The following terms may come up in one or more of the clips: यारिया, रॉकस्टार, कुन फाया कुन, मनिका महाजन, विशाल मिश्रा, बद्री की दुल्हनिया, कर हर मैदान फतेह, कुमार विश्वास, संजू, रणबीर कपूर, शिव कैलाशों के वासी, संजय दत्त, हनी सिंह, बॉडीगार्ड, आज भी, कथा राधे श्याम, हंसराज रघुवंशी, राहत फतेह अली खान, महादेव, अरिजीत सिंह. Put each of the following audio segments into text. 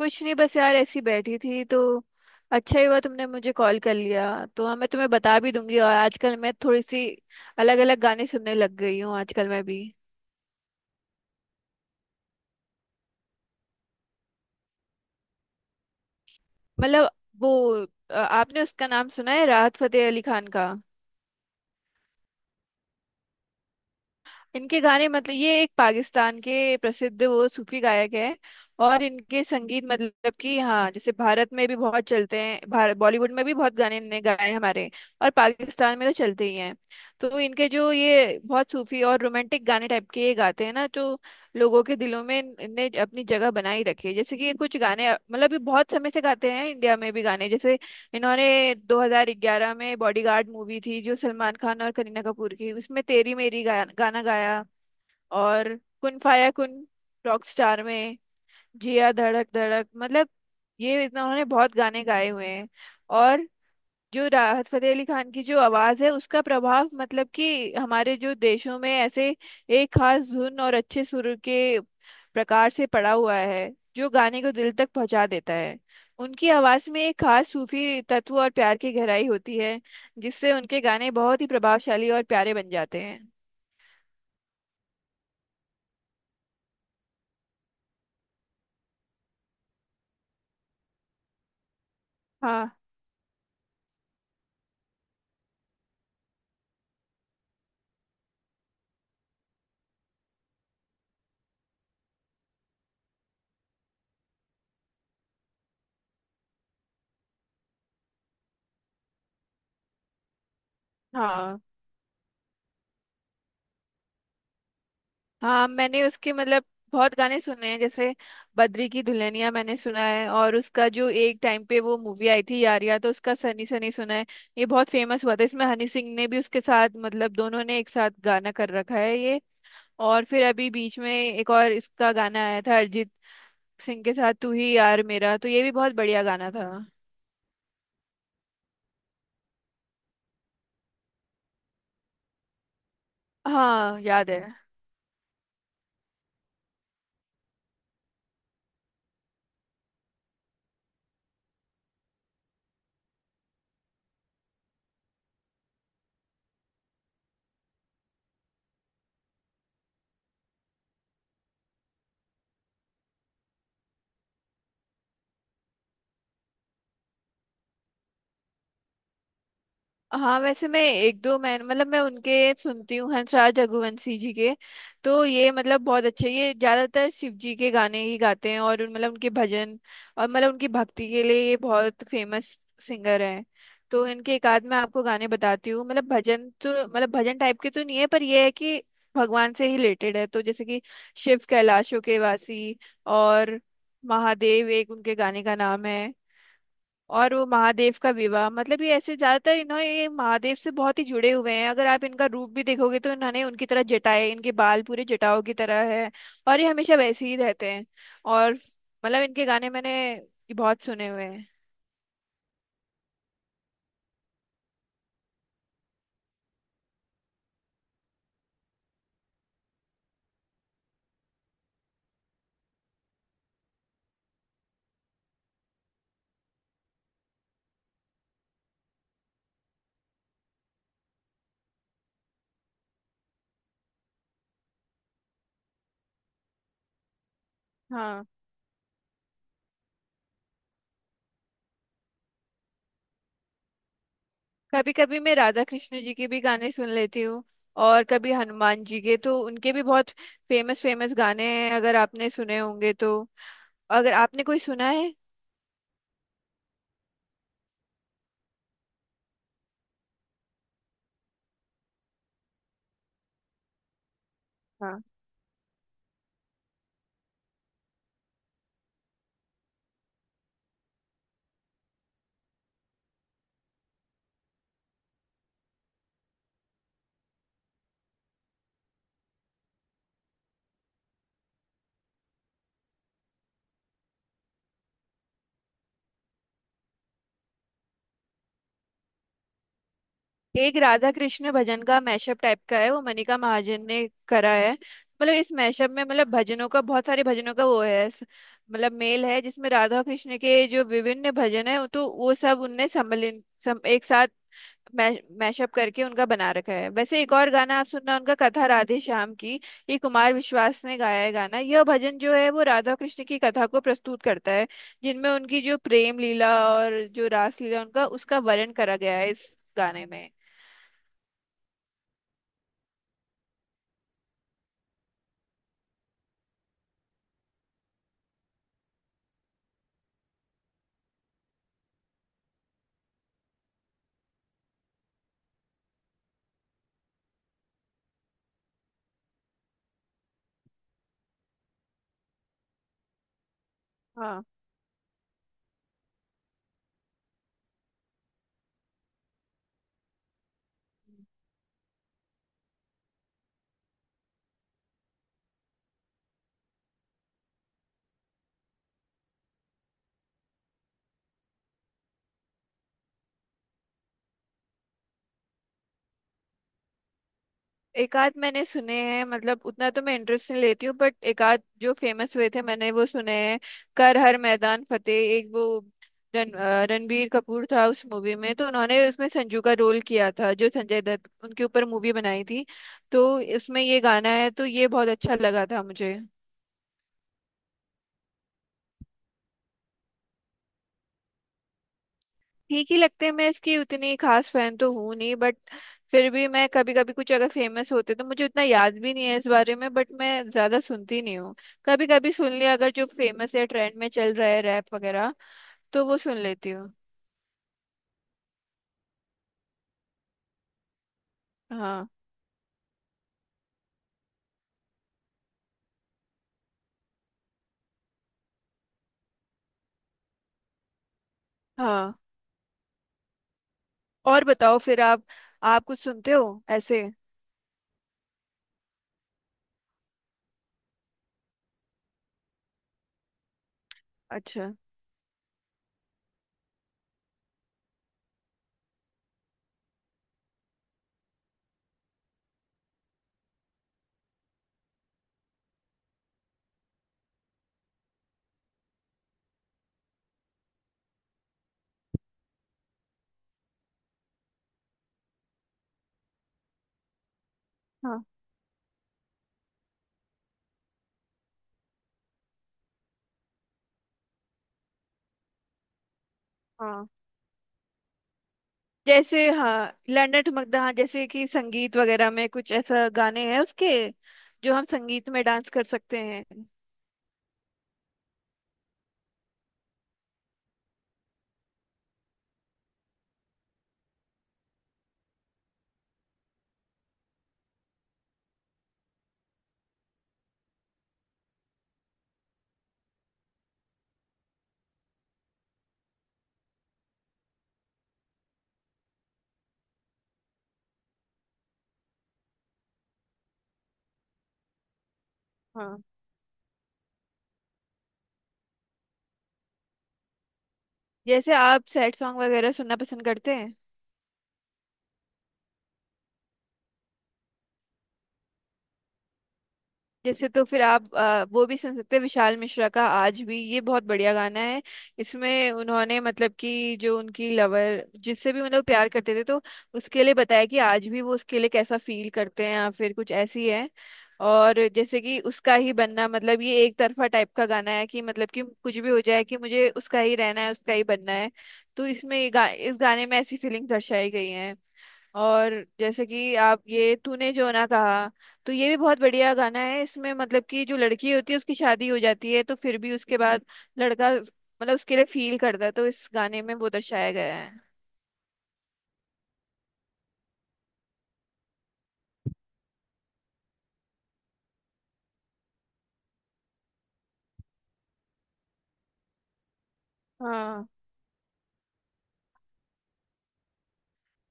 कुछ नहीं, बस यार ऐसी बैठी थी तो अच्छा ही हुआ तुमने मुझे कॉल कर लिया। तो हाँ, मैं तुम्हें बता भी दूंगी। और आजकल मैं थोड़ी सी अलग अलग गाने सुनने लग गई हूँ आजकल मैं भी। मतलब वो आपने उसका नाम सुना है राहत फतेह अली खान का? इनके गाने मतलब ये एक पाकिस्तान के प्रसिद्ध वो सूफी गायक है। और इनके संगीत मतलब कि हाँ, जैसे भारत में भी बहुत चलते हैं, भारत बॉलीवुड में भी बहुत गाने इनने गाए हैं हमारे, और पाकिस्तान में तो चलते ही हैं। तो इनके जो ये बहुत सूफी और रोमांटिक गाने टाइप के ये गाते हैं ना, तो लोगों के दिलों में इनने अपनी जगह बनाई रखी है। जैसे कि ये कुछ गाने मतलब ये बहुत समय से गाते हैं इंडिया में भी गाने, जैसे इन्होंने 2011 में बॉडीगार्ड मूवी थी जो सलमान खान और करीना कपूर की, उसमें तेरी मेरी गाना गाया। और कुन फाया कुन रॉकस्टार में, जिया धड़क धड़क, मतलब ये इतना उन्होंने बहुत गाने गाए हुए हैं। और जो राहत फतेह अली खान की जो आवाज है उसका प्रभाव मतलब कि हमारे जो देशों में ऐसे एक खास धुन और अच्छे सुर के प्रकार से पड़ा हुआ है, जो गाने को दिल तक पहुंचा देता है। उनकी आवाज में एक खास सूफी तत्व और प्यार की गहराई होती है, जिससे उनके गाने बहुत ही प्रभावशाली और प्यारे बन जाते हैं। हाँ, हाँ, हाँ, मैंने उसके मतलब बहुत गाने सुने हैं, जैसे बद्री की दुल्हनिया मैंने सुना है। और उसका जो एक टाइम पे वो मूवी आई थी यारिया, तो उसका सनी सनी सुना है। ये बहुत फेमस हुआ था, इसमें हनी सिंह ने भी उसके साथ मतलब दोनों ने एक साथ गाना कर रखा है ये। और फिर अभी बीच में एक और इसका गाना आया था अरिजीत सिंह के साथ तू ही यार मेरा, तो ये भी बहुत बढ़िया गाना था। हाँ, याद है। हाँ, वैसे मैं एक दो, मैं मतलब मैं उनके सुनती हूँ हंसराज रघुवंशी जी के। तो ये मतलब बहुत अच्छे, ये ज्यादातर शिव जी के गाने ही गाते हैं, और मतलब उनके भजन और मतलब उनकी भक्ति के लिए ये बहुत फेमस सिंगर हैं। तो इनके एक आध मैं आपको गाने बताती हूँ। मतलब भजन तो मतलब भजन टाइप के तो नहीं है, पर ये है कि भगवान से ही रिलेटेड है। तो जैसे कि शिव कैलाशों के वासी, और महादेव एक उनके गाने का नाम है। और वो महादेव का विवाह, मतलब ये ऐसे ज्यादातर इन्होंने, ये महादेव से बहुत ही जुड़े हुए हैं। अगर आप इनका रूप भी देखोगे तो इन्होंने उनकी तरह जटाएं, इनके बाल पूरे जटाओं की तरह है, और ये हमेशा वैसे ही रहते हैं। और मतलब इनके गाने मैंने बहुत सुने हुए हैं। हाँ, कभी कभी मैं राधा कृष्ण जी के भी गाने सुन लेती हूँ, और कभी हनुमान जी के, तो उनके भी बहुत फेमस फेमस गाने हैं। अगर आपने सुने होंगे तो, अगर आपने कोई सुना है? हाँ, एक राधा कृष्ण भजन का मैशअप टाइप का है, वो मनिका महाजन ने करा है। मतलब इस मैशअप में मतलब भजनों का, बहुत सारे भजनों का वो है मतलब मेल है, जिसमें राधा कृष्ण के जो विभिन्न भजन है, तो वो सब उनने सम्मिलित एक साथ मैशअप करके उनका बना रखा है। वैसे एक और गाना आप सुनना उनका, कथा राधे श्याम की, ये कुमार विश्वास ने गाया है गाना। यह भजन जो है वो राधा कृष्ण की कथा को प्रस्तुत करता है, जिनमें उनकी जो प्रेम लीला और जो रास लीला, उनका उसका वर्णन करा गया है इस गाने में। हाँ, एक आध मैंने सुने हैं। मतलब उतना तो मैं इंटरेस्ट नहीं लेती हूँ, बट एक आध जो फेमस हुए थे मैंने वो सुने हैं। कर हर मैदान फतेह, एक वो, रण रणबीर कपूर था उस मूवी में, तो उन्होंने उसमें संजू का रोल किया था, जो संजय दत्त उनके ऊपर मूवी बनाई थी। तो इसमें ये गाना है, तो ये बहुत अच्छा लगा था मुझे। ठीक ही लगते हैं, मैं इसकी उतनी खास फैन तो हूँ नहीं, बट फिर भी मैं कभी कभी कुछ, अगर फेमस होते तो, मुझे उतना याद भी नहीं है इस बारे में, बट मैं ज्यादा सुनती नहीं हूँ। कभी कभी सुन लिया अगर जो फेमस है ट्रेंड में चल रहा है रैप वगैरह, तो वो सुन लेती हूँ। हाँ। हाँ, और बताओ फिर आप कुछ सुनते हो ऐसे? अच्छा। हाँ, हाँ, जैसे हाँ, लैंडर ठुमकदा, हाँ जैसे कि संगीत वगैरह में कुछ ऐसा गाने हैं उसके, जो हम संगीत में डांस कर सकते हैं। हाँ, जैसे आप सैड सॉन्ग वगैरह सुनना पसंद करते हैं? जैसे तो फिर आप वो भी सुन सकते हैं विशाल मिश्रा का आज भी, ये बहुत बढ़िया गाना है। इसमें उन्होंने मतलब कि जो उनकी लवर जिससे भी मतलब प्यार करते थे, तो उसके लिए बताया कि आज भी वो उसके लिए कैसा फील करते हैं, या फिर कुछ ऐसी है। और जैसे कि उसका ही बनना, मतलब ये एक तरफा टाइप का गाना है, कि मतलब कि कुछ भी हो जाए कि मुझे उसका ही रहना है, उसका ही बनना है। तो इसमें ये इस गाने में ऐसी फीलिंग दर्शाई गई है। और जैसे कि आप ये तूने जो ना कहा, तो ये भी बहुत बढ़िया गाना है। इसमें मतलब कि जो लड़की होती है उसकी शादी हो जाती है, तो फिर भी उसके बाद लड़का मतलब उसके लिए फील करता है, तो इस गाने में वो दर्शाया गया है। हाँ,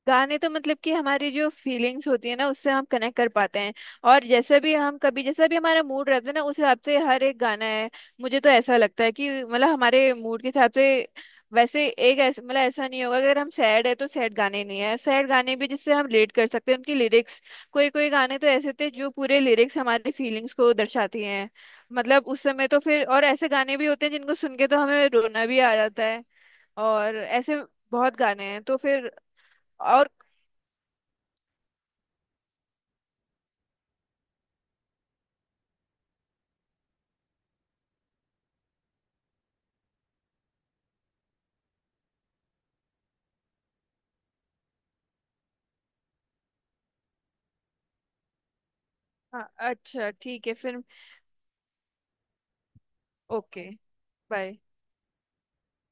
गाने तो मतलब कि हमारी जो फीलिंग्स होती है ना, उससे हम कनेक्ट कर पाते हैं। और जैसे भी हम, कभी जैसा भी हमारा मूड रहता है ना, उस हिसाब से हर एक गाना है। मुझे तो ऐसा लगता है कि मतलब हमारे मूड के हिसाब से, वैसे एक ऐसा मतलब ऐसा नहीं होगा अगर हम सैड है तो सैड गाने नहीं है, सैड गाने भी जिससे हम रिलेट कर सकते हैं उनकी लिरिक्स। कोई कोई गाने तो ऐसे होते हैं जो पूरे लिरिक्स हमारी फीलिंग्स को दर्शाती हैं, मतलब उस समय। तो फिर और ऐसे गाने भी होते हैं जिनको सुन के तो हमें रोना भी आ जाता है, और ऐसे बहुत गाने हैं तो फिर। और, हाँ, अच्छा ठीक है फिर। ओके। बाय।